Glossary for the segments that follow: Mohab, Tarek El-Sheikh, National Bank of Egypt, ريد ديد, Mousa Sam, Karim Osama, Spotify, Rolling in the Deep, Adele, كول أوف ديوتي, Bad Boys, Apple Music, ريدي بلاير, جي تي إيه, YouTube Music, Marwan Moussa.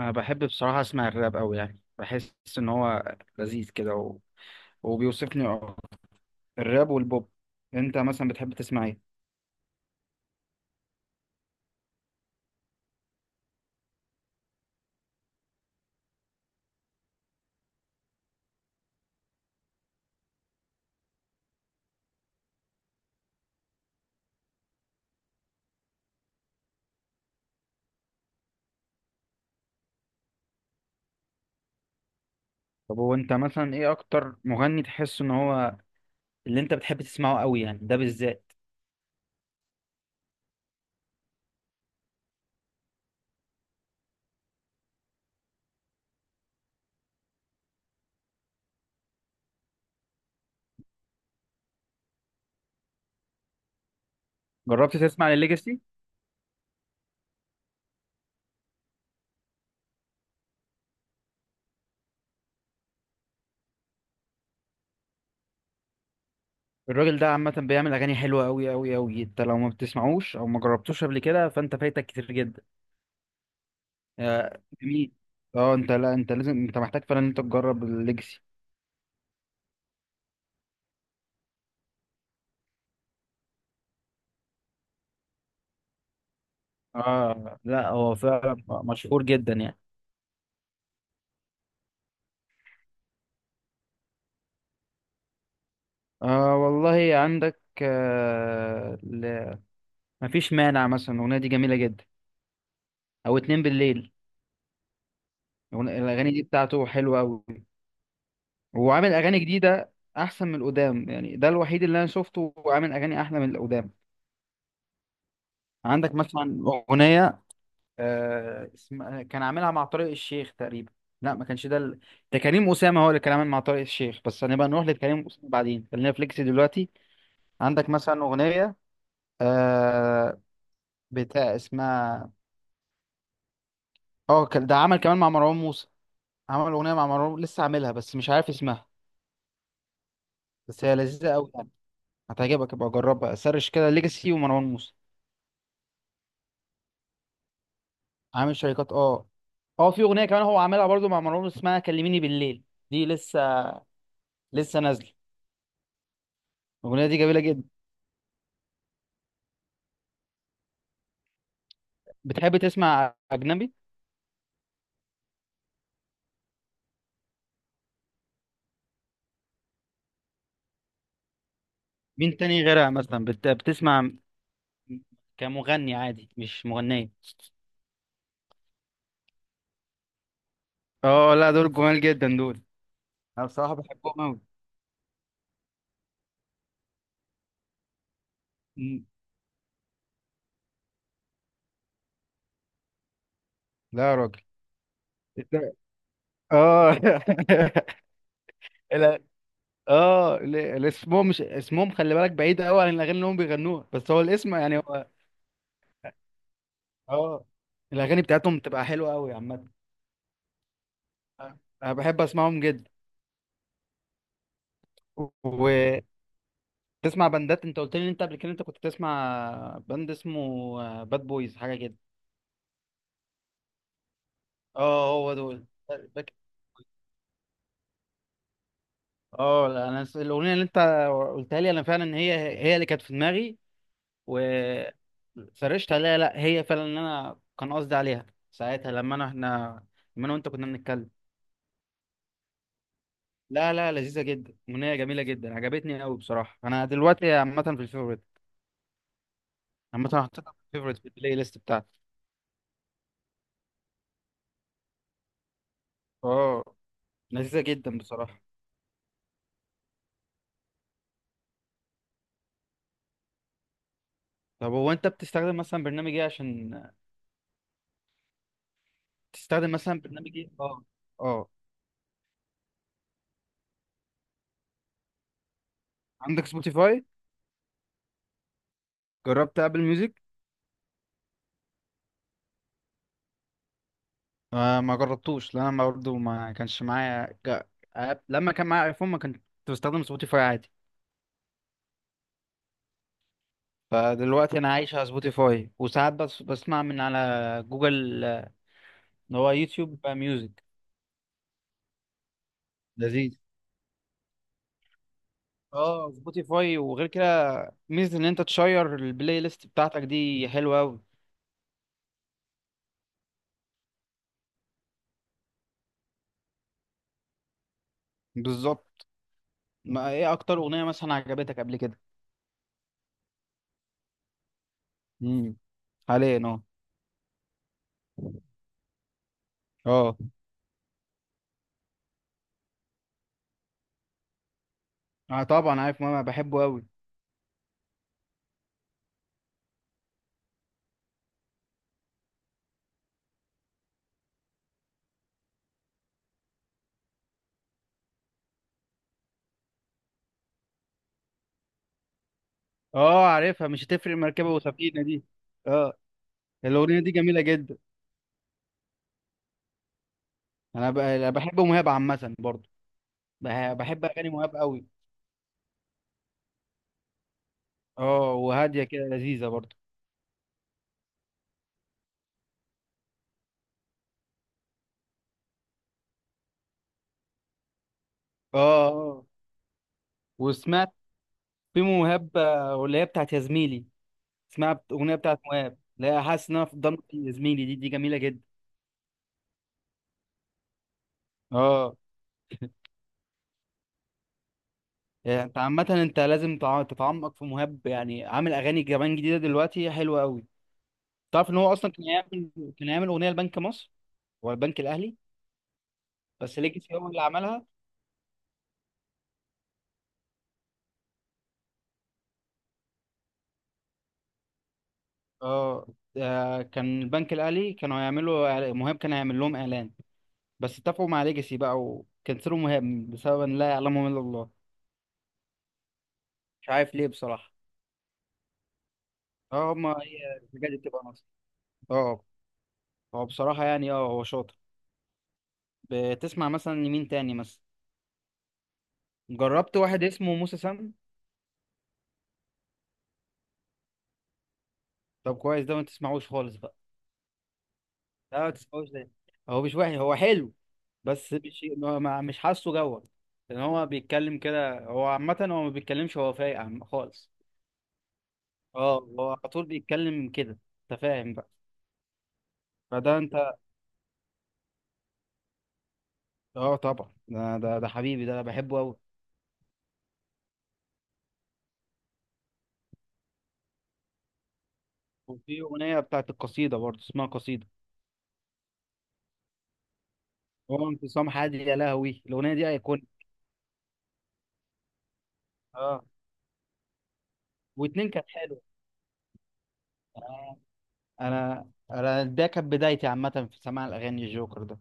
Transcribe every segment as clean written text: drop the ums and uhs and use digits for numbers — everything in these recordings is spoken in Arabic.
انا بحب بصراحه اسمع الراب قوي يعني بحس ان هو لذيذ كده و... وبيوصفني أكتر. الراب والبوب. انت مثلا بتحب تسمع ايه؟ طب هو انت مثلا ايه اكتر مغني تحس ان هو اللي انت بتحب تسمعه قوي يعني ده بالذات؟ جربت تسمع لليجاسي؟ الراجل ده عامه بيعمل اغاني حلوه قوي قوي قوي، انت لو ما بتسمعوش او ما جربتوش قبل كده فانت فايتك كتير جدا. آه، جميل. اه انت، لا انت لازم، انت محتاج فعلا ان انت تجرب الليجاسي. اه لا، هو فعلا مشهور جدا يعني. آه والله عندك، مفيش مانع مثلا، الأغنية دي جميلة جدا، أو اتنين بالليل. الأغاني دي بتاعته حلوة أوي. وعامل أغاني جديدة أحسن من القدام، يعني ده الوحيد اللي أنا شفته وعامل أغاني أحلى من القدام. عندك مثلا أغنية، كان عاملها مع طارق الشيخ تقريبا. لا، ما كانش ده ده كريم أسامة هو اللي كان عامل مع طارق الشيخ، بس هنبقى نروح لكريم أسامة بعدين، خلينا فليكس دلوقتي. عندك مثلا أغنية، آه بتاع اسمها، اه كان ده عمل كمان مع مروان موسى. عمل اغنيه مع مروان لسه عاملها بس مش عارف اسمها. بس هي لذيذه قوي يعني، هتعجبك، ابقى جربها، سرش كده ليجاسي ومروان موسى. عامل شركات، اه. اه، في اغنيه كمان هو عاملها برضو مع مروان موسى اسمها كلميني بالليل. دي لسه نازله، الاغنيه دي جميله جدا. بتحب تسمع اجنبي؟ مين تاني غيرها مثلا بتسمع؟ كمغني عادي مش مغنيه. اه لا، دول جمال جدا دول، انا بصراحه بحبهم قوي. لا يا راجل، إنت- اه. اه اسمهم، مش اسمهم، خلي بالك بعيد قوي عن الاغاني اللي هم بيغنوها بس هو الاسم يعني هو. اه، الاغاني بتاعتهم بتبقى حلوه قوي عامه، انا بحب اسمعهم جدا. وتسمع بندات؟ انت قلت لي ان انت قبل كده انت كنت تسمع بند اسمه باد بويز حاجه كده. اه هو دول. بك- اه لا، الاغنيه اللي انت قلتها لي انا فعلا، هي اللي كانت في دماغي وسرشت عليها، لا هي فعلا اللي انا كان قصدي عليها ساعتها، لما انا، احنا، لما انا وانت كنا بنتكلم. لا لا، لذيذه جدا، اغنيه جميله جدا، عجبتني قوي بصراحه، انا دلوقتي عامه في الفيفوريت. عامه حطيتها في الفيفوريت في البلاي ليست بتاعتي. اه، لذيذه جدا بصراحه. طب هو انت بتستخدم مثلا برنامج ايه عشان تستخدم مثلا برنامج ايه اه اه، عندك سبوتيفاي؟ جربت ابل ميوزك؟ آه ما جربتوش، لان انا برضه ما كانش معايا لما كان معايا ايفون ما كنت بستخدم سبوتيفاي عادي. فدلوقتي انا عايش على سبوتيفاي، وساعات بس بسمع من على جوجل، اللي هو يوتيوب ميوزك. لذيذ. اه سبوتيفاي، وغير كده ميزة ان انت تشير البلاي ليست بتاعتك دي حلوة اوي، بالظبط. ما ايه اكتر اغنية مثلا عجبتك قبل كده؟ امم حاليا، اه. اه، آه طبعا عارف ماما، بحبه اوي. اه عارفها، مش هتفرق، مركبة وسفينة دي. اه الاغنية دي جميلة جدا. أنا بحب مهاب عامة برضه. بحب اغاني مهاب اوي. اه وهادية كده، لذيذة برضه. اه اه، وسمعت في مهاب، واللي هي بتاعت يا زميلي، اسمها اغنيه بتاعت مواب، لا حاسس ان انا في ضمن، يا زميلي، دي جميله جدا. اه، يعني انت عامه انت لازم تتعمق في مهاب، يعني عامل اغاني كمان جديده دلوقتي حلوه قوي. تعرف ان هو اصلا كان يعمل اغنيه لبنك مصر والبنك الاهلي، بس ليجاسي هو اللي عملها. اه، كان البنك الاهلي كانوا هيعملوا مهاب كان هيعمل لهم اعلان، بس اتفقوا مع ليجاسي بقى وكنسلوا مهاب، بسبب ان لا يعلمهم الا الله، مش عارف ليه بصراحه. اه هما، هي الحاجات دي بتبقى ناقصه. اه هو بصراحه يعني اه هو شاطر. بتسمع مثلا لمين تاني مثلا؟ جربت واحد اسمه موسى سام؟ طب كويس، ده ما تسمعوش خالص بقى. لا ما تسمعوش ده، هو مش وحش هو حلو، بس مش مش حاسه جوه. لان هو بيتكلم كده، هو عامة هو ما بيتكلمش، هو فايق خالص. اه هو على طول بيتكلم كده، انت فاهم بقى؟ فده انت. اه طبعا، ده حبيبي ده، انا بحبه قوي. وفي اغنية بتاعت القصيدة برضه اسمها قصيدة. هو انفصام حاد، يا لهوي الاغنية دي ايقونة. اه، واتنين كانت حلوة. آه. انا ده كانت بدايتي عامه في سماع الاغاني، الجوكر ده.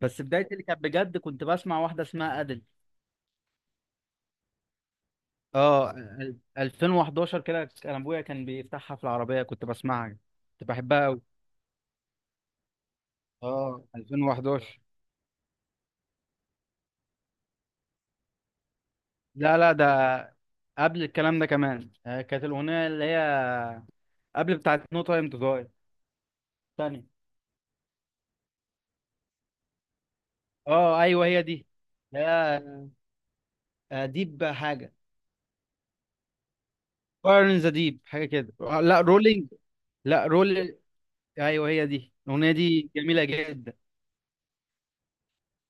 بس بدايتي اللي كانت بجد كنت بسمع واحده اسمها ادل. اه 2011 كده، كان ابويا كان بيفتحها في العربيه كنت بسمعها، كنت بحبها قوي. اه 2011. لا لا، ده قبل الكلام ده كمان، كانت الاغنيه اللي هي قبل بتاعت نو تايم تو داي، تاني. اه ايوه هي دي. لا ديب حاجه، فاير ان ذا ديب حاجه كده، لا رولينج. لا رول، ايوه هي دي، الاغنيه دي جميله جدا.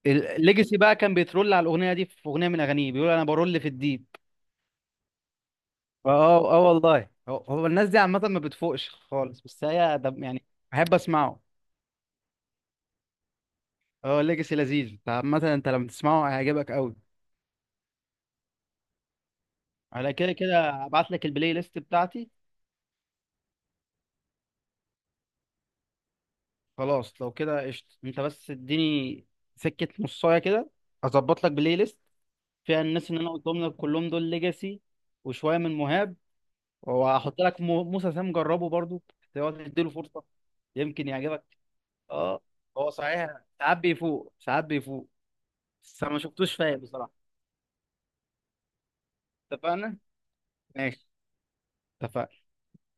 الليجاسي بقى كان بيترول على الاغنيه دي، في اغنيه من اغانيه بيقول انا برول في الديب. اه اه، والله، هو الناس دي عامه ما بتفوقش خالص، بس هي ده يعني. بحب اسمعه. اه الليجاسي لذيذ، انت عامه انت لما تسمعه هيعجبك قوي. على كده كده ابعت لك البلاي ليست بتاعتي. خلاص، لو كده قشطه، انت بس اديني سكه نصايه كده، اظبط لك بلاي ليست فيها الناس اللي انا قلتهم لك كلهم، دول ليجاسي وشويه من مهاب. وهحط لك موسى سام، جربه برضو، تقعد تديله فرصه، يمكن يعجبك. اه هو صحيح ساعات بيفوق ساعات بيفوق، بس انا ما شفتوش فايق بصراحه. اتفقنا. ماشي. اتفقنا.